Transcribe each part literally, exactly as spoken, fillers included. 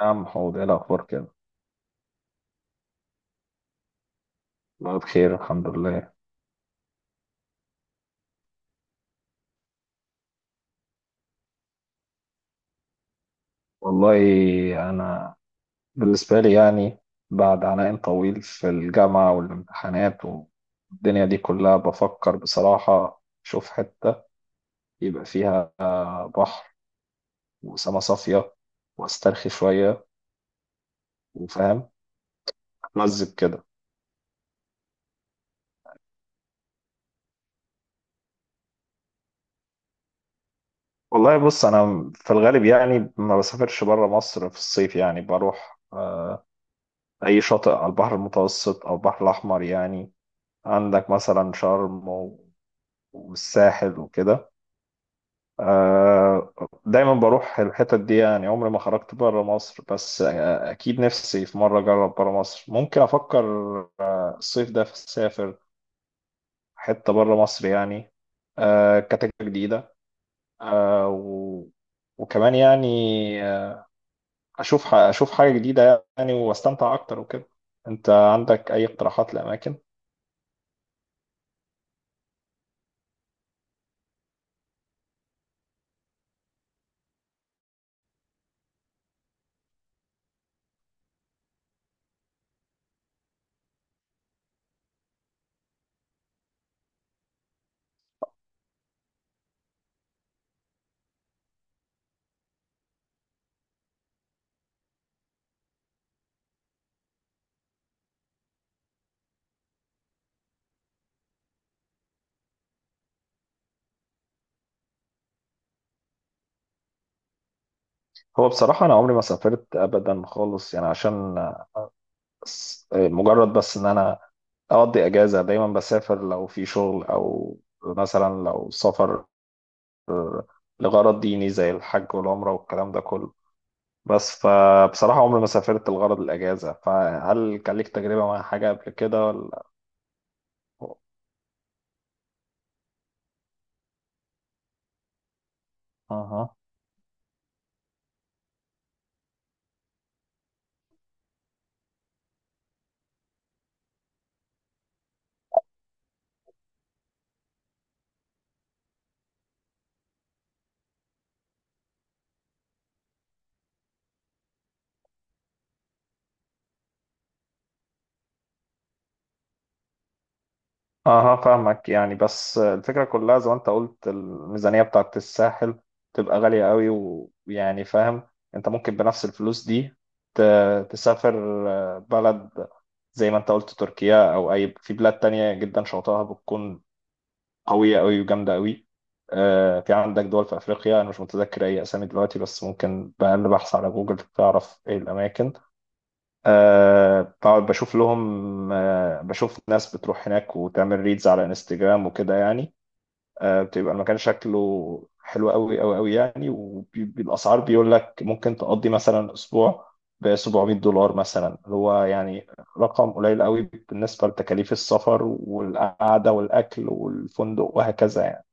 يا عم حوض ايه الاخبار كده. والله بخير الحمد لله. والله انا بالنسبه لي يعني بعد عناء طويل في الجامعه والامتحانات والدنيا دي كلها بفكر بصراحه اشوف حته يبقى فيها بحر وسما صافيه واسترخي شويه وفاهم اتمزج كده. والله بص انا في الغالب يعني ما بسافرش بره مصر في الصيف يعني بروح آه، اي شاطئ على البحر المتوسط او البحر الاحمر يعني. عندك مثلا شرم والساحل وكده. آه، دايما بروح الحتت دي يعني عمري ما خرجت بره مصر بس آه، اكيد نفسي في مره اجرب بره مصر، ممكن افكر آه، الصيف ده في اسافر حته بره مصر يعني آه، كتجربه جديده، آه، و- وكمان يعني آه، اشوف ح- اشوف حاجه جديده يعني واستمتع اكتر وكده. انت عندك اي اقتراحات لاماكن؟ هو بصراحه انا عمري ما سافرت ابدا خالص يعني عشان آه، مجرد بس ان انا اقضي اجازه، دايما بسافر لو في شغل او مثلا لو سفر لغرض ديني زي الحج والعمره والكلام ده كله، بس فبصراحه عمري ما سافرت لغرض الاجازه. فهل كان ليك تجربه مع حاجه قبل كده ولا؟ اها. اها فاهمك يعني، بس الفكرة كلها زي ما انت قلت الميزانية بتاعت الساحل تبقى غالية قوي، ويعني فاهم انت ممكن بنفس الفلوس دي ت- تسافر بلد زي ما انت قلت تركيا او اي في بلاد تانية جدا شواطئها بتكون قوية قوي وجامدة قوي. آه، في عندك دول في افريقيا، انا مش متذكر اي اسامي دلوقتي بس ممكن بأقل بحث على جوجل تعرف ايه الاماكن. أه بقعد بشوف لهم، أه بشوف ناس بتروح هناك وتعمل ريدز على انستجرام وكده يعني. أه بتبقى المكان شكله حلو قوي قوي قوي يعني، والاسعار بيقول لك ممكن تقضي مثلا اسبوع ب سبعمية دولار مثلا، اللي هو يعني رقم قليل قوي بالنسبة لتكاليف السفر والقعدة والأكل والفندق وهكذا يعني.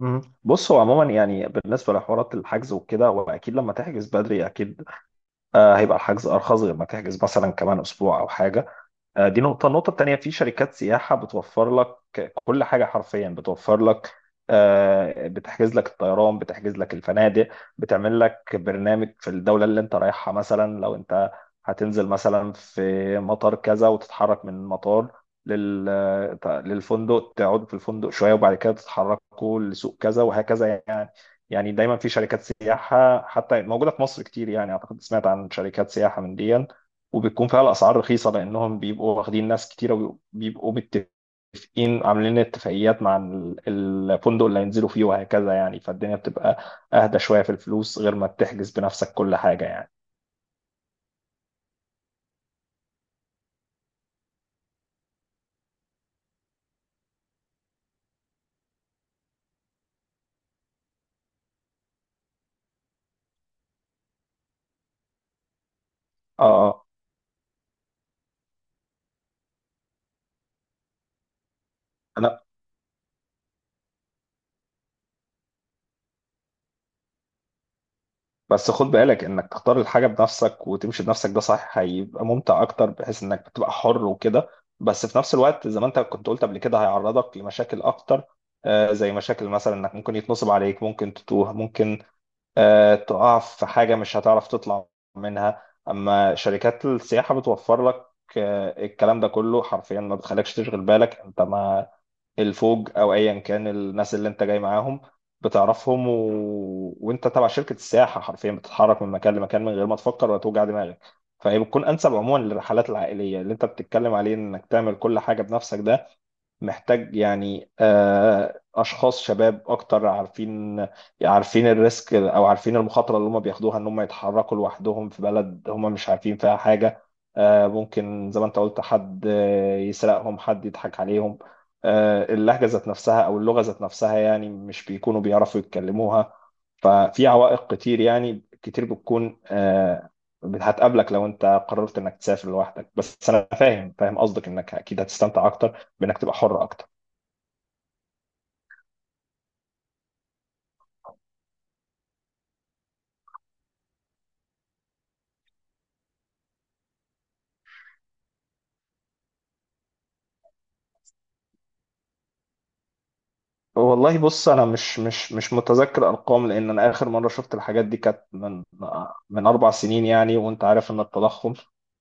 مم. بص هو عموما يعني بالنسبة لحوارات الحجز وكده هو أكيد لما تحجز بدري أكيد آه، هيبقى الحجز أرخص غير ما تحجز مثلا كمان أسبوع أو حاجة. آه، دي نقطة، النقطة التانية في شركات سياحة بتوفر لك كل حاجة حرفيا، بتوفر لك آه، بتحجز لك الطيران، بتحجز لك الفنادق، بتعمل لك برنامج في الدولة اللي انت رايحها. مثلا لو انت هتنزل مثلا في مطار كذا وتتحرك من مطار لل... للفندق، تقعد في الفندق شوية وبعد كده تتحركوا لسوق كذا وهكذا يعني. يعني دايما في شركات سياحة حتى موجودة في مصر كتير يعني، أعتقد سمعت عن شركات سياحة من دي، وبتكون فيها الأسعار رخيصة لأنهم بيبقوا واخدين ناس كتيرة وبيبقوا متفقين متفقين عاملين اتفاقيات مع ال- الفندق اللي هينزلوا فيه وهكذا يعني، فالدنيا بتبقى اهدى شويه في الفلوس غير ما تحجز بنفسك كل حاجه يعني. اه اه انا بس خد بالك انك تختار الحاجه بنفسك وتمشي بنفسك، ده صح هيبقى ممتع اكتر بحيث انك بتبقى حر وكده، بس في نفس الوقت زي ما انت كنت قلت قبل كده هيعرضك لمشاكل اكتر، آه، زي مشاكل مثلا انك ممكن يتنصب عليك، ممكن تتوه، ممكن آه، تقع في حاجة مش هتعرف تطلع منها. أما شركات السياحة بتوفر لك آه، الكلام ده كله حرفيا، ما بتخليكش تشغل بالك. أنت ما الفوج او ايا كان الناس اللي انت جاي معاهم بتعرفهم و... وانت تبع شركه السياحه حرفيا بتتحرك من مكان لمكان من غير ما تفكر ولا توجع دماغك. فهي بتكون انسب عموما للرحلات العائليه. اللي انت بتتكلم عليه انك تعمل كل حاجه بنفسك، ده محتاج يعني آه، اشخاص شباب اكتر عارفين عارفين الريسك، او عارفين المخاطره اللي هم بياخدوها ان هم يتحركوا لوحدهم في بلد هم مش عارفين فيها حاجه. آه، ممكن زي ما انت قلت حد آه، يسرقهم، حد يضحك عليهم، آه، اللهجة ذات نفسها أو اللغة ذات نفسها يعني مش بيكونوا بيعرفوا يتكلموها. ففي عوائق كتير يعني، كتير بتكون آه، هتقابلك لو أنت قررت إنك تسافر لوحدك، بس أنا فاهم فاهم قصدك إنك أكيد هتستمتع أكتر بإنك تبقى حر أكتر. والله بص انا مش مش مش متذكر ارقام، لان انا اخر مره شفت الحاجات دي كانت من من اربع سنين يعني، وانت عارف ان التضخم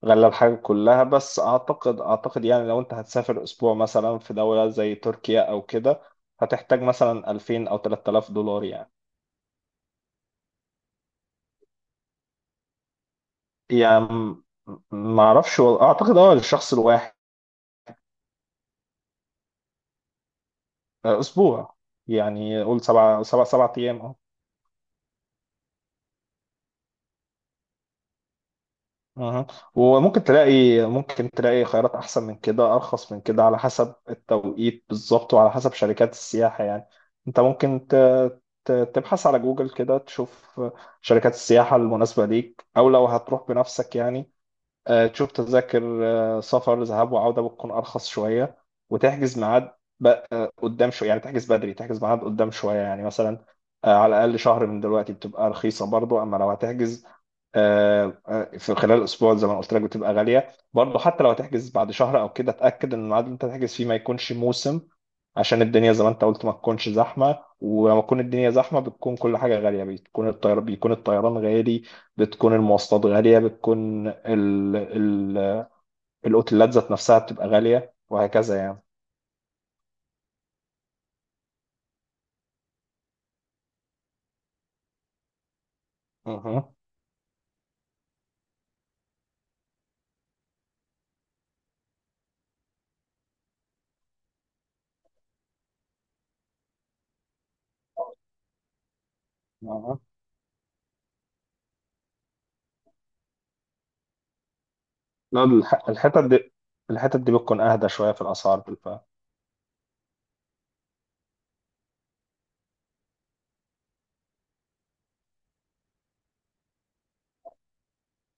غلى الحاجه كلها، بس اعتقد اعتقد يعني لو انت هتسافر اسبوع مثلا في دوله زي تركيا او كده هتحتاج مثلا ألفين او ثلاثة آلاف دولار يعني. يعني م- ما اعرفش وال- اعتقد اه للشخص الواحد. اسبوع، يعني قول سبع سبع سبع ايام. اها. وممكن تلاقي، ممكن تلاقي خيارات احسن من كده، ارخص من كده على حسب التوقيت بالظبط وعلى حسب شركات السياحة يعني. انت ممكن ت... ت- تبحث على جوجل كده تشوف شركات السياحة المناسبة ليك، او لو هتروح بنفسك يعني آه، تشوف تذاكر آه، سفر ذهاب وعودة بتكون أرخص شوية، وتحجز ميعاد ب- آه، قدام شوية يعني، تحجز بدري، تحجز ميعاد قدام شوية يعني مثلا آه، على الأقل شهر من دلوقتي بتبقى رخيصة برضو. أما لو هتحجز آه، آه، في خلال أسبوع زي ما قلت لك بتبقى غالية برضو. حتى لو هتحجز بعد شهر أو كده اتأكد إن الميعاد اللي أنت هتحجز فيه ما يكونش موسم، عشان الدنيا زي ما أنت قلت ما تكونش زحمة. ولما تكون الدنيا زحمة بتكون كل حاجة غالية، بتكون الطيار بيكون الطيران غالي، بتكون المواصلات غالية، بتكون ال ال الأوتيلات ذات نفسها بتبقى غالية وهكذا يعني. اها. اها. لا الح- الحتت دي، الحتت دي بتكون أهدى شوية في الأسعار بالفعل.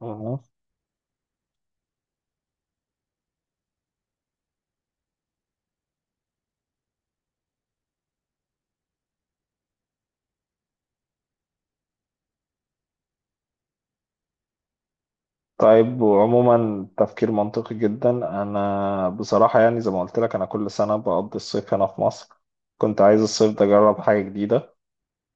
اها. طيب، وعموما تفكير منطقي جدا. أنا بصراحة يعني زي ما قلت لك أنا كل سنة بقضي الصيف هنا في مصر، كنت عايز الصيف ده أجرب حاجة جديدة،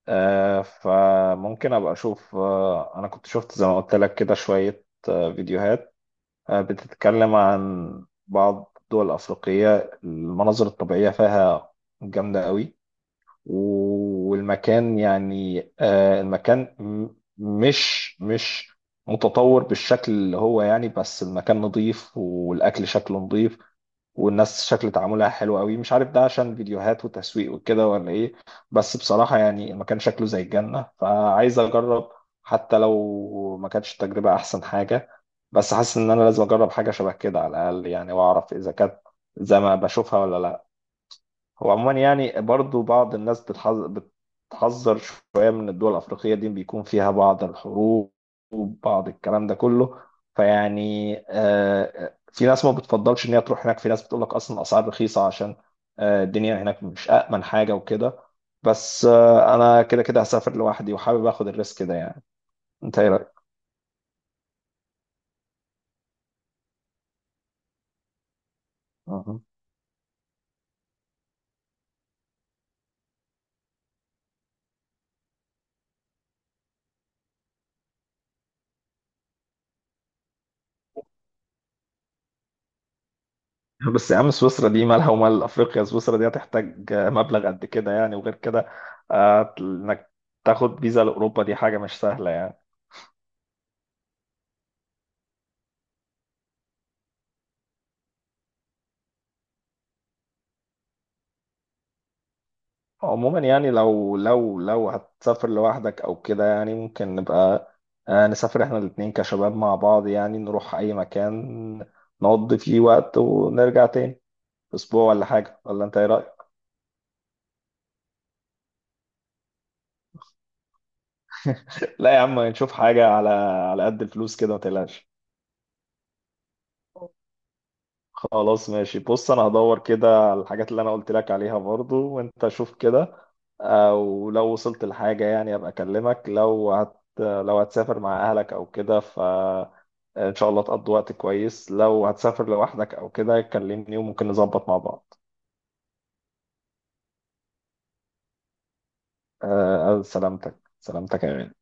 آه فممكن أبقى أشوف. آه أنا كنت شفت زي ما قلت لك كده شوية آه فيديوهات آه، بتتكلم عن بعض الدول الأفريقية، المناظر الطبيعية فيها جامدة قوي، و- والمكان يعني آه، المكان م- مش مش متطور بالشكل اللي هو يعني، بس المكان نظيف والأكل شكله نظيف والناس شكل تعاملها حلو قوي. مش عارف ده عشان فيديوهات وتسويق وكده ولا ايه، بس بصراحة يعني المكان شكله زي الجنة فعايز اجرب، حتى لو ما كانتش التجربة احسن حاجة، بس حاسس ان انا لازم اجرب حاجة شبه كده على الاقل يعني، واعرف اذا كانت زي ما بشوفها ولا لا. هو عموما يعني برضو بعض الناس بتحذ- بتحذر شوية من الدول الأفريقية دي، بيكون فيها بعض الحروب وبعض الكلام ده كله، فيعني آه، في ناس ما بتفضلش إن هي تروح هناك، في ناس بتقول لك أصلا الأسعار رخيصة عشان آه، الدنيا هناك مش أأمن حاجة وكده. بس آه، أنا كده كده هسافر لوحدي وحابب آخد الريسك ده يعني. أنت إيه رأيك؟ بس يا عم سويسرا دي مالها ومال افريقيا؟ سويسرا دي هتحتاج مبلغ قد كده يعني، وغير كده آه، انك تاخد فيزا لاوروبا دي حاجه مش سهله يعني. عموما يعني لو لو لو هتسافر لوحدك او كده يعني ممكن نبقى آه، نسافر احنا الاتنين كشباب مع بعض يعني، نروح اي مكان نقضي فيه وقت ونرجع تاني، اسبوع ولا حاجه، ولا انت ايه رايك؟ لا يا عم نشوف حاجه على على قد الفلوس كده، ما تقلقش. خلاص ماشي. بص انا هدور كده على الحاجات اللي انا قلت لك عليها برضو، وانت شوف كده، او لو وصلت لحاجة يعني ابقى اكلمك. لو هت لو هتسافر مع اهلك او كده فان شاء الله تقضي وقت كويس، لو هتسافر لوحدك او كده كلمني وممكن نظبط مع بعض. أه سلامتك، سلامتك يا غالي.